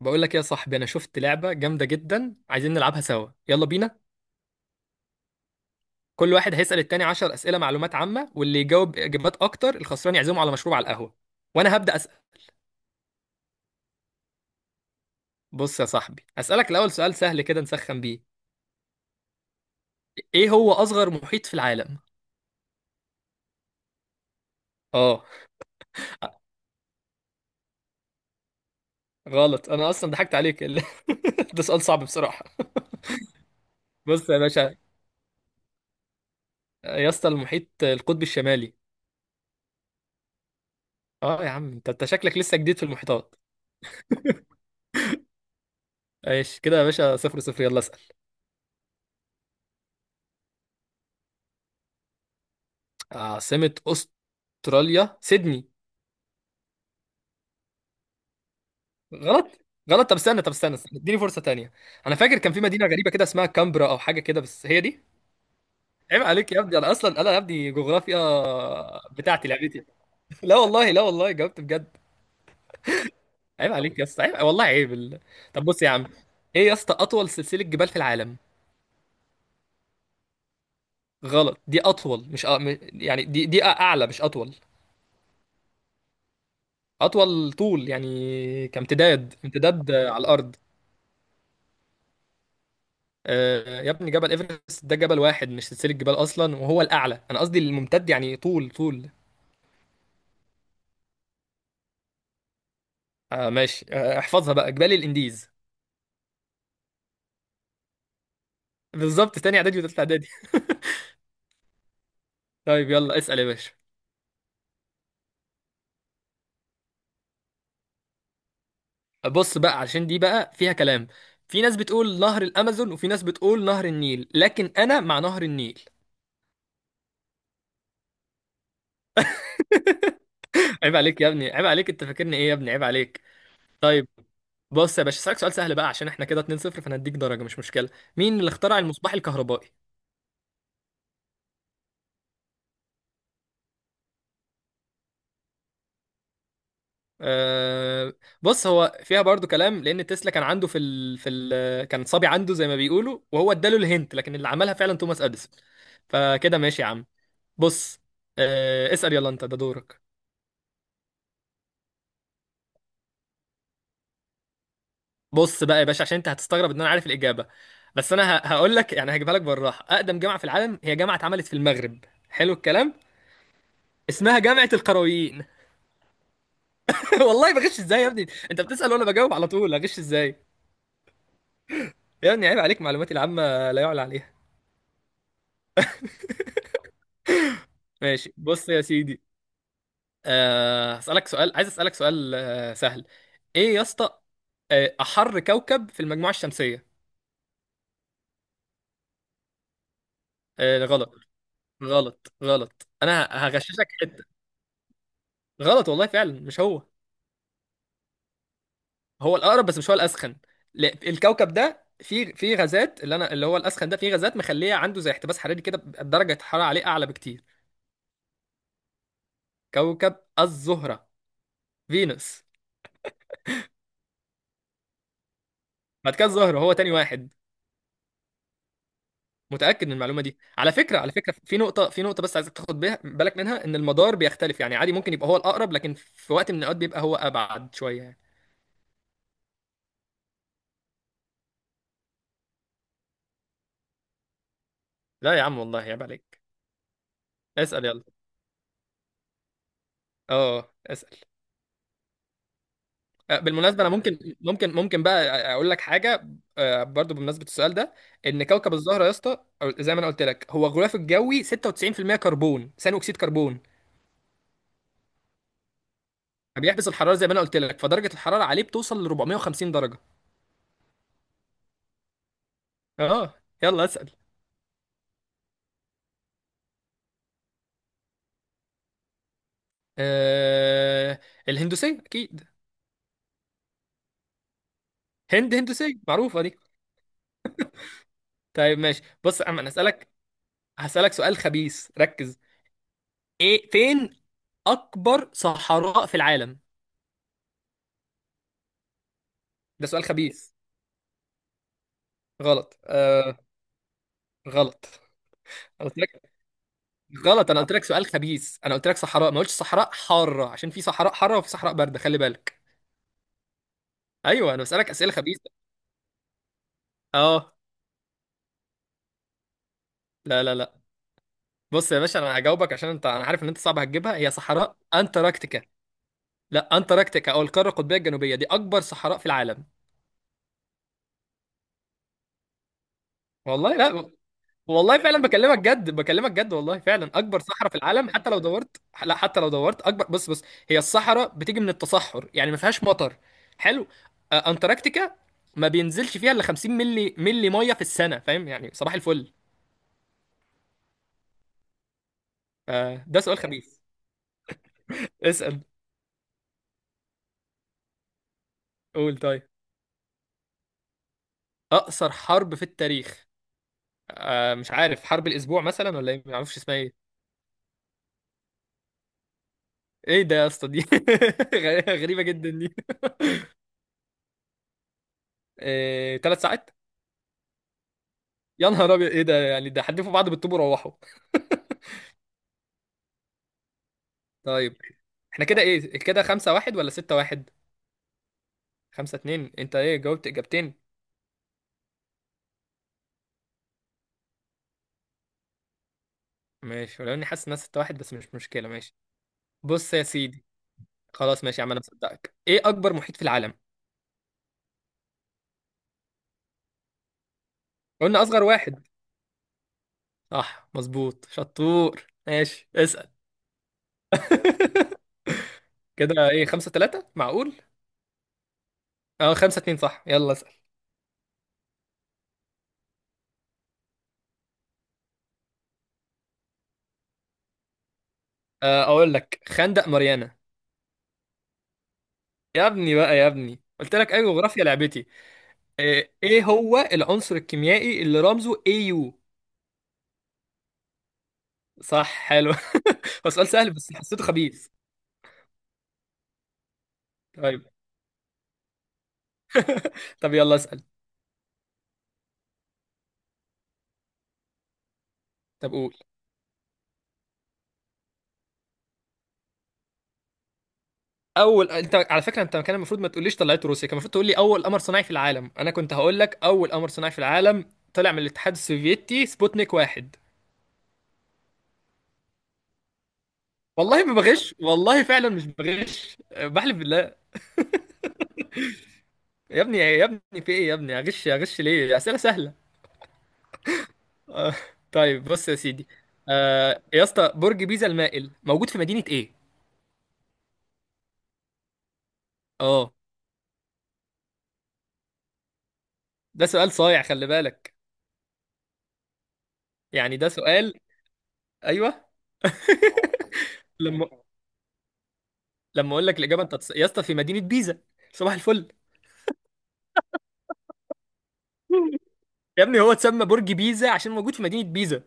بقول لك يا صاحبي، انا شفت لعبه جامده جدا. عايزين نلعبها سوا، يلا بينا. كل واحد هيسأل التاني 10 اسئله معلومات عامه، واللي يجاوب اجابات اكتر الخسران يعزمه على مشروب، على القهوه. وانا هبدأ أسأل. بص يا صاحبي، أسألك الاول سؤال سهل كده نسخن بيه. ايه هو اصغر محيط في العالم؟ اه. غلط. انا اصلا ضحكت عليك ده سؤال صعب بصراحه. بص يا باشا، يا اسطى، المحيط القطبي الشمالي. اه يا عم، انت شكلك لسه جديد في المحيطات. ايش كده يا باشا، صفر صفر، يلا اسأل. عاصمة أستراليا سيدني. غلط. غلط. طب استنى. اديني فرصة تانية. انا فاكر كان في مدينة غريبة كده اسمها كامبرا او حاجة كده، بس هي دي. عيب عليك يا ابني، انا اصلا يا ابني جغرافيا بتاعتي لعبتي لا والله، لا والله جاوبت بجد. عيب عليك يا اسطى، عيب والله، عيب. طب بص يا عم، ايه يا اسطى اطول سلسلة جبال في العالم؟ غلط، دي اطول، مش أ... م- يعني دي اعلى مش اطول. اطول طول، يعني كامتداد، امتداد على الارض. آه، يا ابني جبل ايفرست ده جبل واحد مش سلسلة جبال اصلا، وهو الاعلى، انا قصدي الممتد، يعني طول طول. آه ماشي، آه احفظها بقى، جبال الانديز. بالظبط، تاني اعدادي وتالتة اعدادي طيب يلا اسأل يا باشا. بص بقى، عشان دي بقى فيها كلام. في ناس بتقول نهر الامازون، وفي ناس بتقول نهر النيل، لكن انا مع نهر النيل. عيب عليك يا ابني، عيب عليك، انت فاكرني ايه يا ابني؟ عيب عليك. طيب بص يا باشا، اسالك سؤال سهل بقى عشان احنا كده 2-0، فانا هديك درجة مش مشكلة. مين اللي اخترع المصباح الكهربائي؟ أه. بص، هو فيها برضو كلام، لان تسلا كان عنده في ال... كان صبي عنده زي ما بيقولوا، وهو اداله الهنت، لكن اللي عملها فعلا توماس اديسون. فكده ماشي يا عم. بص. أه اسأل يلا، انت ده دورك. بص بقى يا باشا، عشان انت هتستغرب ان انا عارف الاجابه، بس انا هقول لك يعني، هجيبها لك بالراحه. اقدم جامعه في العالم هي جامعه اتعملت في المغرب. حلو الكلام. اسمها جامعه القرويين. والله بغش ازاي يا ابني؟ انت بتسأل وانا بجاوب على طول، هغش ازاي؟ يا ابني عيب عليك، معلوماتي العامه لا يعلى عليها. ماشي، بص يا سيدي. أه هسألك سؤال، عايز أسألك سؤال أه سهل. ايه يا اسطى؟ آه، احر كوكب في المجموعة الشمسية. أه، غلط. غلط، غلط، انا هغششك حتة. غلط والله، فعلا مش هو. هو الأقرب بس مش هو الأسخن. لا، الكوكب ده فيه غازات، اللي هو الأسخن ده فيه غازات مخليه عنده زي احتباس حراري كده، بيبقى درجة الحرارة عليه أعلى بكتير. كوكب الزهرة، فينوس. بعد كده الزهرة، هو تاني واحد. متأكد من المعلومة دي على فكرة. على فكرة في نقطة، بس عايزك تاخد بالك منها، ان المدار بيختلف يعني. عادي ممكن يبقى هو الأقرب، لكن في وقت من الأوقات بيبقى هو أبعد شوية يعني. لا يا عم والله، عيب عليك. اسأل يلا. اه اسأل. آه، بالمناسبة، انا ممكن بقى اقول لك حاجة. آه، برضو بمناسبة السؤال ده، ان كوكب الزهرة يا اسطى، أو زي ما انا قلت لك، هو غلاف الجوي 96% كربون، ثاني اكسيد كربون. فبيحبس الحرارة زي ما انا قلت لك، فدرجة الحرارة عليه بتوصل ل 450 درجة. اه. يلا اسأل. آه، الهندوسية أكيد. هند هندوسية معروفة دي. طيب ماشي، بص يا عم أنا هسألك، سؤال خبيث، ركز. إيه فين أكبر صحراء في العالم؟ ده سؤال خبيث. غلط. آه، غلط. أنا قلت لك غلط، أنا قلت لك سؤال خبيث. أنا قلت لك صحراء، ما قلتش صحراء حارة، عشان في صحراء حارة وفي صحراء باردة، خلي بالك. أيوه، أنا بسألك أسئلة خبيثة. أه. لا لا لا، بص يا باشا، أنا هجاوبك عشان أنت، أنا عارف إن أنت صعب هتجيبها. هي صحراء أنتاركتيكا. لا، انتاركتيكا، او القاره القطبيه الجنوبيه، دي اكبر صحراء في العالم. والله لا، والله فعلا بكلمك جد، بكلمك جد، والله فعلا اكبر صحراء في العالم حتى لو دورت. لا، حتى لو دورت اكبر. بص بص، هي الصحراء بتيجي من التصحر، يعني ما فيهاش مطر. حلو. آه، انتاركتيكا ما بينزلش فيها الا 50 ملي ميه في السنه، فاهم يعني، صباح الفل. آه، ده سؤال خبيث. اسال. قول طيب. اقصر حرب في التاريخ. آه، مش عارف، حرب الاسبوع مثلا ولا ايه؟ ما اعرفش اسمها ايه. ايه ده يا اسطى دي؟ غريبه جدا دي. إيه... ثلاث ساعات؟ يا نهار ابيض، ايه ده يعني، ده حدفوا بعض بالطوب وروحوا. طيب. احنا كده ايه، كده خمسة واحد ولا ستة واحد؟ خمسة اتنين؟ انت ايه، جاوبت اجابتين؟ ماشي، ولو اني حاسس انها ستة واحد، بس مش مشكلة، ماشي. بص يا سيدي. خلاص ماشي يا عم، انا مصدقك. ايه اكبر محيط في العالم؟ قلنا اصغر واحد. صح، مظبوط، شطور، ماشي اسأل. كده ايه، خمسة تلاتة معقول؟ اه، خمسة اتنين صح، يلا اسأل. آه، اقول لك، خندق ماريانا. يا ابني بقى، يا ابني قلت لك اي جغرافيا لعبتي. ايه، إيه هو العنصر الكيميائي اللي رمزه اي يو؟ صح، حلو. هو سؤال سهل بس حسيته خبيث. طيب. طب يلا اسال. طب قول. اول، انت على فكره، انت كان المفروض ما تقوليش طلعت روسيا، كان المفروض تقول لي اول قمر صناعي في العالم، انا كنت هقول لك اول قمر صناعي في العالم طلع من الاتحاد السوفيتي، سبوتنيك واحد. والله ما بغش، والله فعلا مش بغش، آه، بحلف بالله. يا ابني، يا ابني، في ايه يا ابني؟ اغش اغش ليه؟ اسئله سهله. آه، طيب بص يا سيدي. آه يا اسطى، برج بيزا المائل موجود في مدينة ايه؟ اه. ده سؤال صايع، خلي بالك، يعني ده سؤال. ايوه. لما، اقول لك الاجابه انت يا اسطى في مدينة بيزا. صباح الفل. يا ابني هو اتسمى برج بيزا عشان موجود في مدينة بيزا.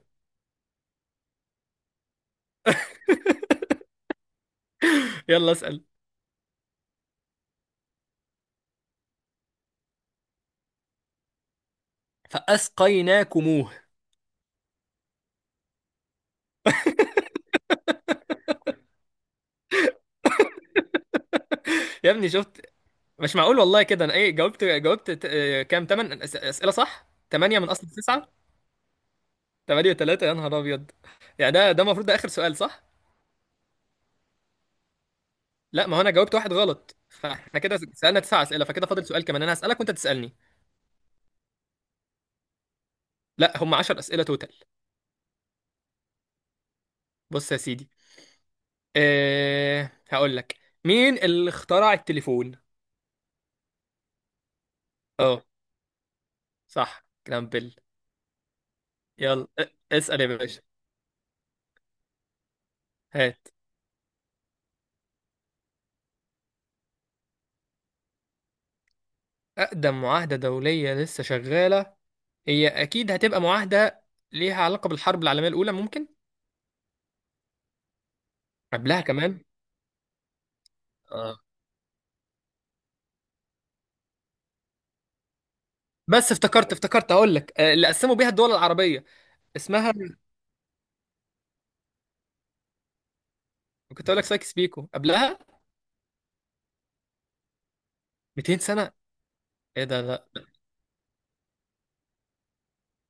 يلا اسأل. فأسقيناكموه. يا ابني شفت، مش معقول والله كده. انا ايه، جاوبت آه، كام تمن أسئلة صح؟ 8 من اصل 9. 8 و3، يا نهار ابيض. يعني ده المفروض ده اخر سؤال صح؟ لا ما هو انا جاوبت واحد غلط، فاحنا كده سألنا تسع أسئلة، فكده فاضل سؤال كمان، انا هسألك وانت تسألني. لا، هم 10 أسئلة توتال. بص يا سيدي. أه هقول لك، مين اللي اخترع التليفون؟ اه، صح، كلام، بيل. يلا اسأل يا باشا. هات. أقدم معاهدة دولية لسه شغالة. هي أكيد هتبقى معاهدة ليها علاقة بالحرب العالمية الأولى، ممكن. قبلها كمان. اه، بس افتكرت، هقول لك آه، اللي قسموا بيها الدول العربية. اسمها، كنت اقول لك سايكس بيكو. قبلها 200 سنة؟ ايه ده، لا.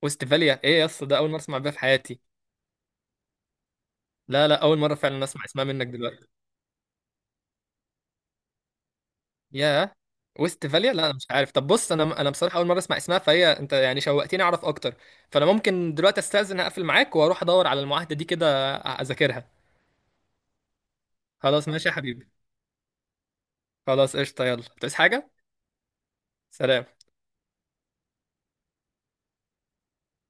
وستفاليا ايه يا اسطى؟ ده اول مره اسمع بيها في حياتي. لا لا، اول مره فعلا اسمع اسمها منك دلوقتي. ياه، وستفاليا. لا انا مش عارف. طب بص، انا بصراحه اول مره اسمع اسمها، فهي انت يعني شوقتني اعرف اكتر، فانا ممكن دلوقتي استاذن اقفل معاك واروح ادور على المعاهده دي كده، اذاكرها. خلاص ماشي يا حبيبي. خلاص قشطه، يلا بتعوز حاجه؟ سلام.